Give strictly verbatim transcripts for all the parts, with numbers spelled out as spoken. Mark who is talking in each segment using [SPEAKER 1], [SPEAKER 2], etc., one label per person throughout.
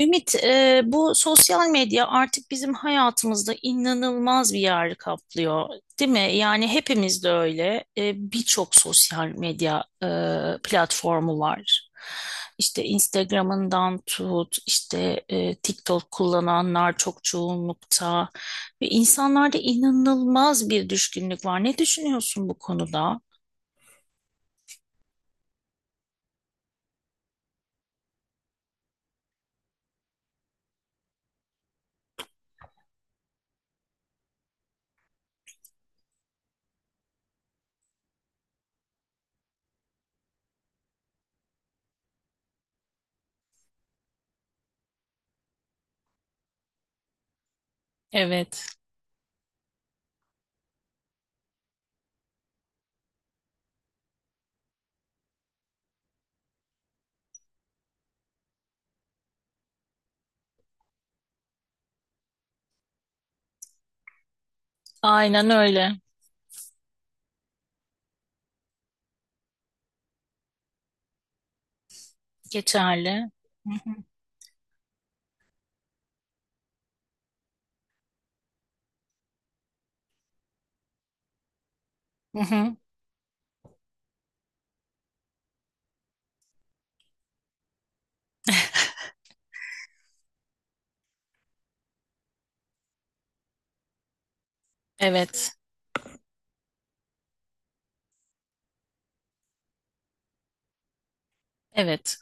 [SPEAKER 1] Ümit, e, bu sosyal medya artık bizim hayatımızda inanılmaz bir yer kaplıyor, değil mi? Yani hepimiz de öyle. E, birçok sosyal medya e, platformu var. İşte Instagram'ından tut, işte e, TikTok kullananlar çok çoğunlukta ve insanlarda inanılmaz bir düşkünlük var. Ne düşünüyorsun bu konuda? Evet. Aynen öyle. Geçerli. Hı hı. Hı hı. Evet. Evet.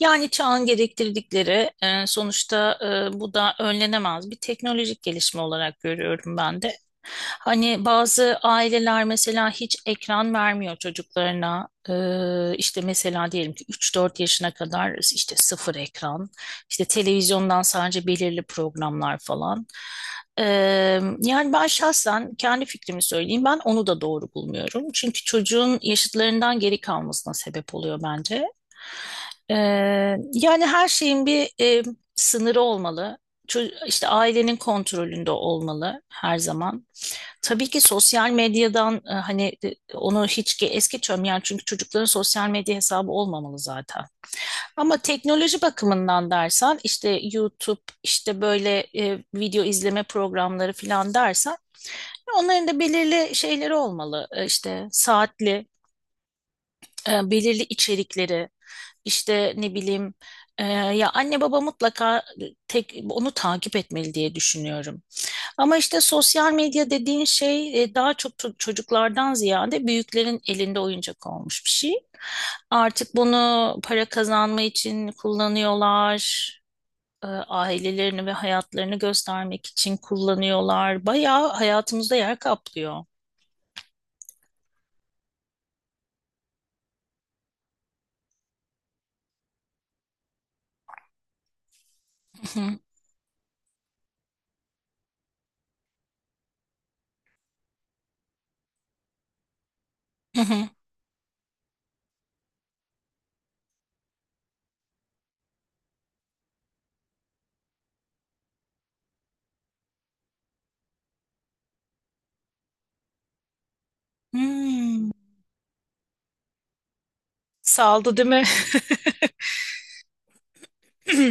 [SPEAKER 1] Yani çağın gerektirdikleri e, sonuçta e, bu da önlenemez bir teknolojik gelişme olarak görüyorum ben de. Hani bazı aileler mesela hiç ekran vermiyor çocuklarına. E, işte mesela diyelim ki üç dört yaşına kadar işte sıfır ekran, işte televizyondan sadece belirli programlar falan. E, yani ben şahsen kendi fikrimi söyleyeyim. Ben onu da doğru bulmuyorum. Çünkü çocuğun yaşıtlarından geri kalmasına sebep oluyor bence. Ee, yani her şeyin bir e, sınırı olmalı. Ço- işte ailenin kontrolünde olmalı her zaman. Tabii ki sosyal medyadan e, hani e, onu hiç ge- es geçiyorum yani, çünkü çocukların sosyal medya hesabı olmamalı zaten. Ama teknoloji bakımından dersen işte YouTube, işte böyle e, video izleme programları falan dersen onların da belirli şeyleri olmalı. E, işte saatli, e, belirli içerikleri. İşte ne bileyim e, ya anne baba mutlaka tek onu takip etmeli diye düşünüyorum. Ama işte sosyal medya dediğin şey e, daha çok to- çocuklardan ziyade büyüklerin elinde oyuncak olmuş bir şey. Artık bunu para kazanma için kullanıyorlar. e, ailelerini ve hayatlarını göstermek için kullanıyorlar. Bayağı hayatımızda yer kaplıyor. Hı hı, hı hı. Hmm. Saldı değil mi?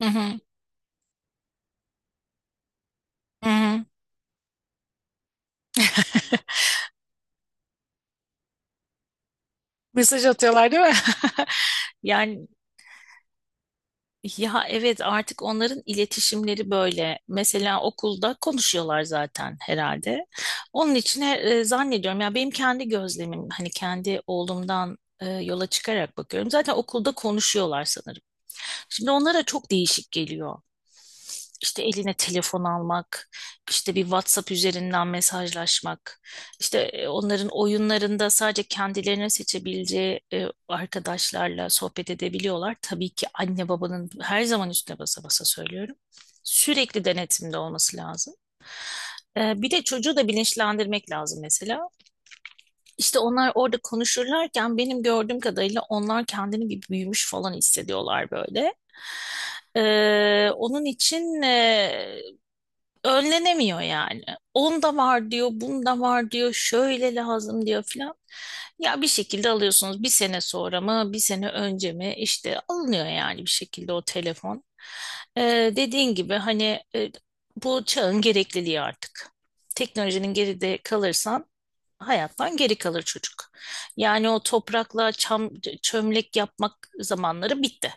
[SPEAKER 1] Hı hı, hı hı. Mesaj atıyorlar değil mi? Yani ya, evet, artık onların iletişimleri böyle. Mesela okulda konuşuyorlar zaten herhalde. Onun için e, zannediyorum ya, benim kendi gözlemim hani, kendi oğlumdan e, yola çıkarak bakıyorum. Zaten okulda konuşuyorlar sanırım. Şimdi onlara çok değişik geliyor. İşte eline telefon almak, işte bir WhatsApp üzerinden mesajlaşmak. İşte e, onların oyunlarında sadece kendilerinin seçebileceği e, arkadaşlarla sohbet edebiliyorlar. Tabii ki anne babanın her zaman, üstüne basa basa söylüyorum, sürekli denetimde olması lazım. E, bir de çocuğu da bilinçlendirmek lazım mesela. İşte onlar orada konuşurlarken benim gördüğüm kadarıyla onlar kendini bir büyümüş falan hissediyorlar böyle. E, onun için e, önlenemiyor yani. Onda var diyor, bunda var diyor, şöyle lazım diyor filan. Ya bir şekilde alıyorsunuz, bir sene sonra mı, bir sene önce mi işte alınıyor yani bir şekilde o telefon. Ee, dediğin gibi hani e, bu çağın gerekliliği artık. Teknolojinin geride kalırsan hayattan geri kalır çocuk. Yani o toprakla çam, çömlek yapmak zamanları bitti.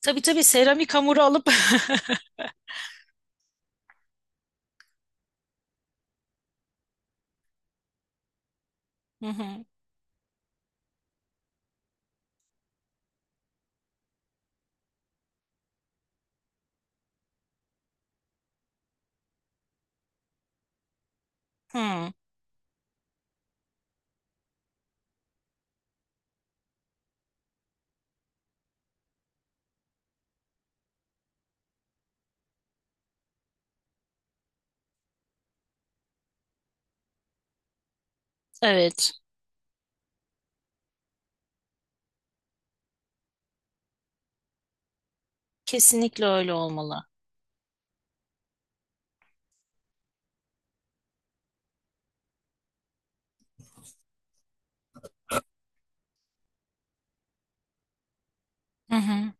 [SPEAKER 1] Tabii, tabii, seramik hamuru alıp Hı hı. Hı, evet. Kesinlikle öyle olmalı. Hı hı.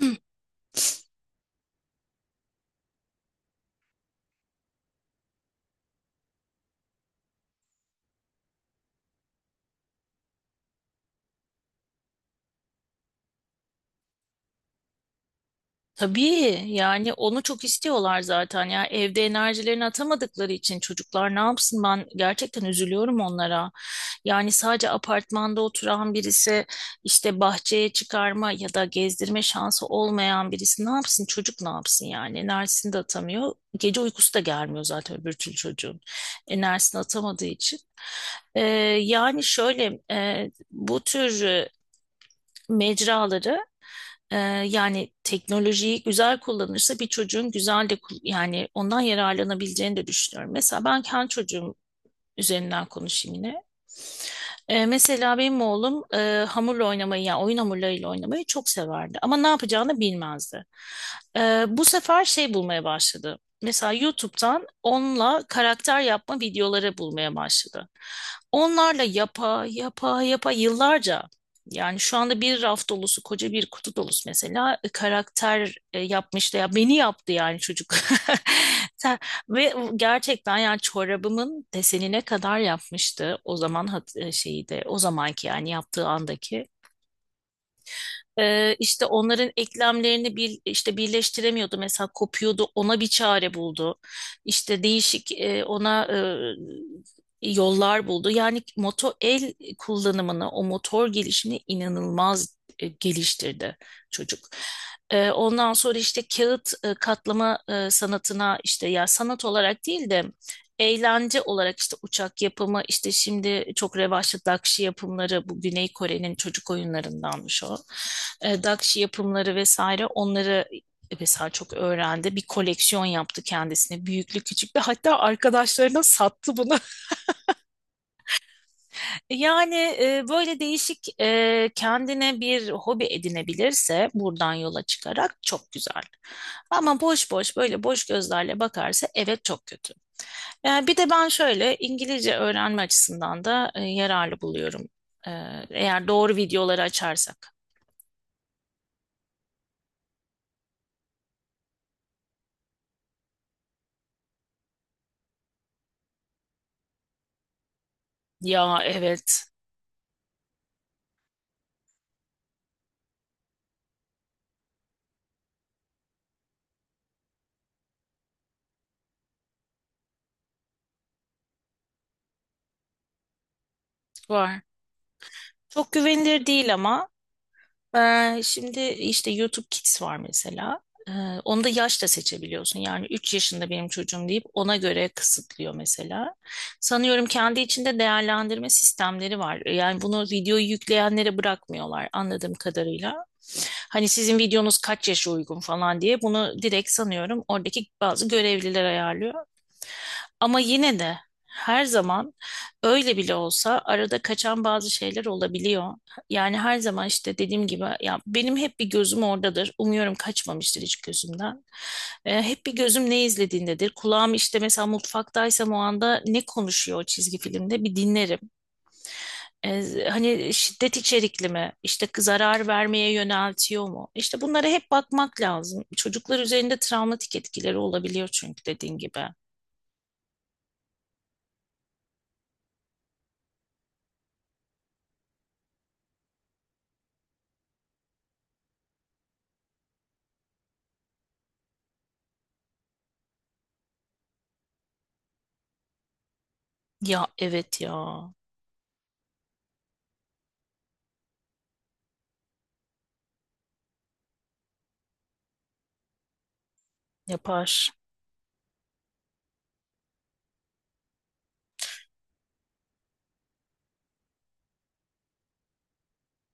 [SPEAKER 1] Hı. Tabii yani onu çok istiyorlar zaten, ya evde enerjilerini atamadıkları için çocuklar ne yapsın, ben gerçekten üzülüyorum onlara. Yani sadece apartmanda oturan birisi, işte bahçeye çıkarma ya da gezdirme şansı olmayan birisi ne yapsın, çocuk ne yapsın yani, enerjisini de atamıyor. Gece uykusu da gelmiyor zaten öbür türlü çocuğun, enerjisini atamadığı için. Ee, yani şöyle e, bu tür e, mecraları, Ee, yani teknolojiyi güzel kullanırsa bir çocuğun güzel de kul- yani ondan yararlanabileceğini de düşünüyorum. Mesela ben kendi çocuğum üzerinden konuşayım yine. Ee, mesela benim oğlum e, hamurla oynamayı, yani oyun hamurlarıyla oynamayı çok severdi. Ama ne yapacağını bilmezdi. Ee, bu sefer şey bulmaya başladı. Mesela YouTube'dan onunla karakter yapma videoları bulmaya başladı. Onlarla yapa, yapa, yapa yıllarca. Yani şu anda bir raf dolusu, koca bir kutu dolusu mesela e, karakter e, yapmıştı. Ya beni yaptı yani çocuk. Sen ve gerçekten yani çorabımın desenine kadar yapmıştı. O zaman hat- e, şeyi de o zamanki yani, yaptığı andaki. Ee, işte onların eklemlerini bir, işte birleştiremiyordu. Mesela kopuyordu. Ona bir çare buldu. İşte değişik e, ona e, yollar buldu. Yani moto el kullanımını, o motor gelişini inanılmaz e, geliştirdi çocuk. Ee, ondan sonra işte kağıt e, katlama e, sanatına, işte ya sanat olarak değil de eğlence olarak, işte uçak yapımı, işte şimdi çok revaçlı Dakşi yapımları, bu Güney Kore'nin çocuk oyunlarındanmış o. E, Dakşi yapımları vesaire, onları e, mesela çok öğrendi. Bir koleksiyon yaptı kendisine, büyüklü küçüklü, hatta arkadaşlarına sattı bunu. Yani e, böyle değişik e, kendine bir hobi edinebilirse buradan yola çıkarak çok güzel. Ama boş boş, böyle boş gözlerle bakarsa evet, çok kötü. Yani bir de ben şöyle İngilizce öğrenme açısından da e, yararlı buluyorum. E, eğer doğru videoları açarsak. Ya evet, var. Çok güvenilir değil ama. Ee, şimdi işte YouTube Kids var mesela. Ee, onu da yaşla seçebiliyorsun. Yani üç yaşında benim çocuğum deyip ona göre kısıtlıyor mesela. Sanıyorum kendi içinde değerlendirme sistemleri var. Yani bunu videoyu yükleyenlere bırakmıyorlar anladığım kadarıyla. Hani sizin videonuz kaç yaşa uygun falan diye, bunu direkt sanıyorum oradaki bazı görevliler ayarlıyor. Ama yine de her zaman, öyle bile olsa, arada kaçan bazı şeyler olabiliyor. Yani her zaman işte dediğim gibi, ya benim hep bir gözüm oradadır. Umuyorum kaçmamıştır hiç gözümden. Ee, hep bir gözüm ne izlediğindedir. Kulağım, işte mesela mutfaktaysam, o anda ne konuşuyor o çizgi filmde bir dinlerim. Ee, hani şiddet içerikli mi? İşte zarar vermeye yöneltiyor mu? İşte bunlara hep bakmak lazım. Çocuklar üzerinde travmatik etkileri olabiliyor çünkü, dediğin gibi. Ya evet, ya yapar.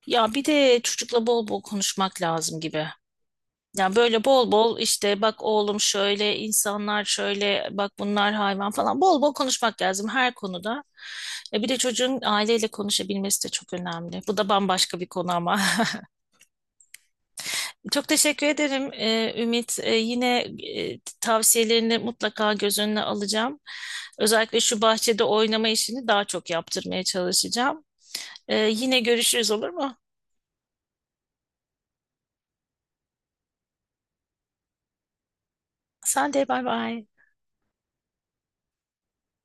[SPEAKER 1] Ya bir de çocukla bol bol konuşmak lazım gibi. Ya böyle bol bol, işte bak oğlum şöyle insanlar, şöyle bak bunlar hayvan falan, bol bol konuşmak lazım her konuda. E bir de çocuğun aileyle konuşabilmesi de çok önemli. Bu da bambaşka bir konu ama. Çok teşekkür ederim e, Ümit. E, yine e, tavsiyelerini mutlaka göz önüne alacağım. Özellikle şu bahçede oynama işini daha çok yaptırmaya çalışacağım. E, yine görüşürüz, olur mu? Sen de bay bay.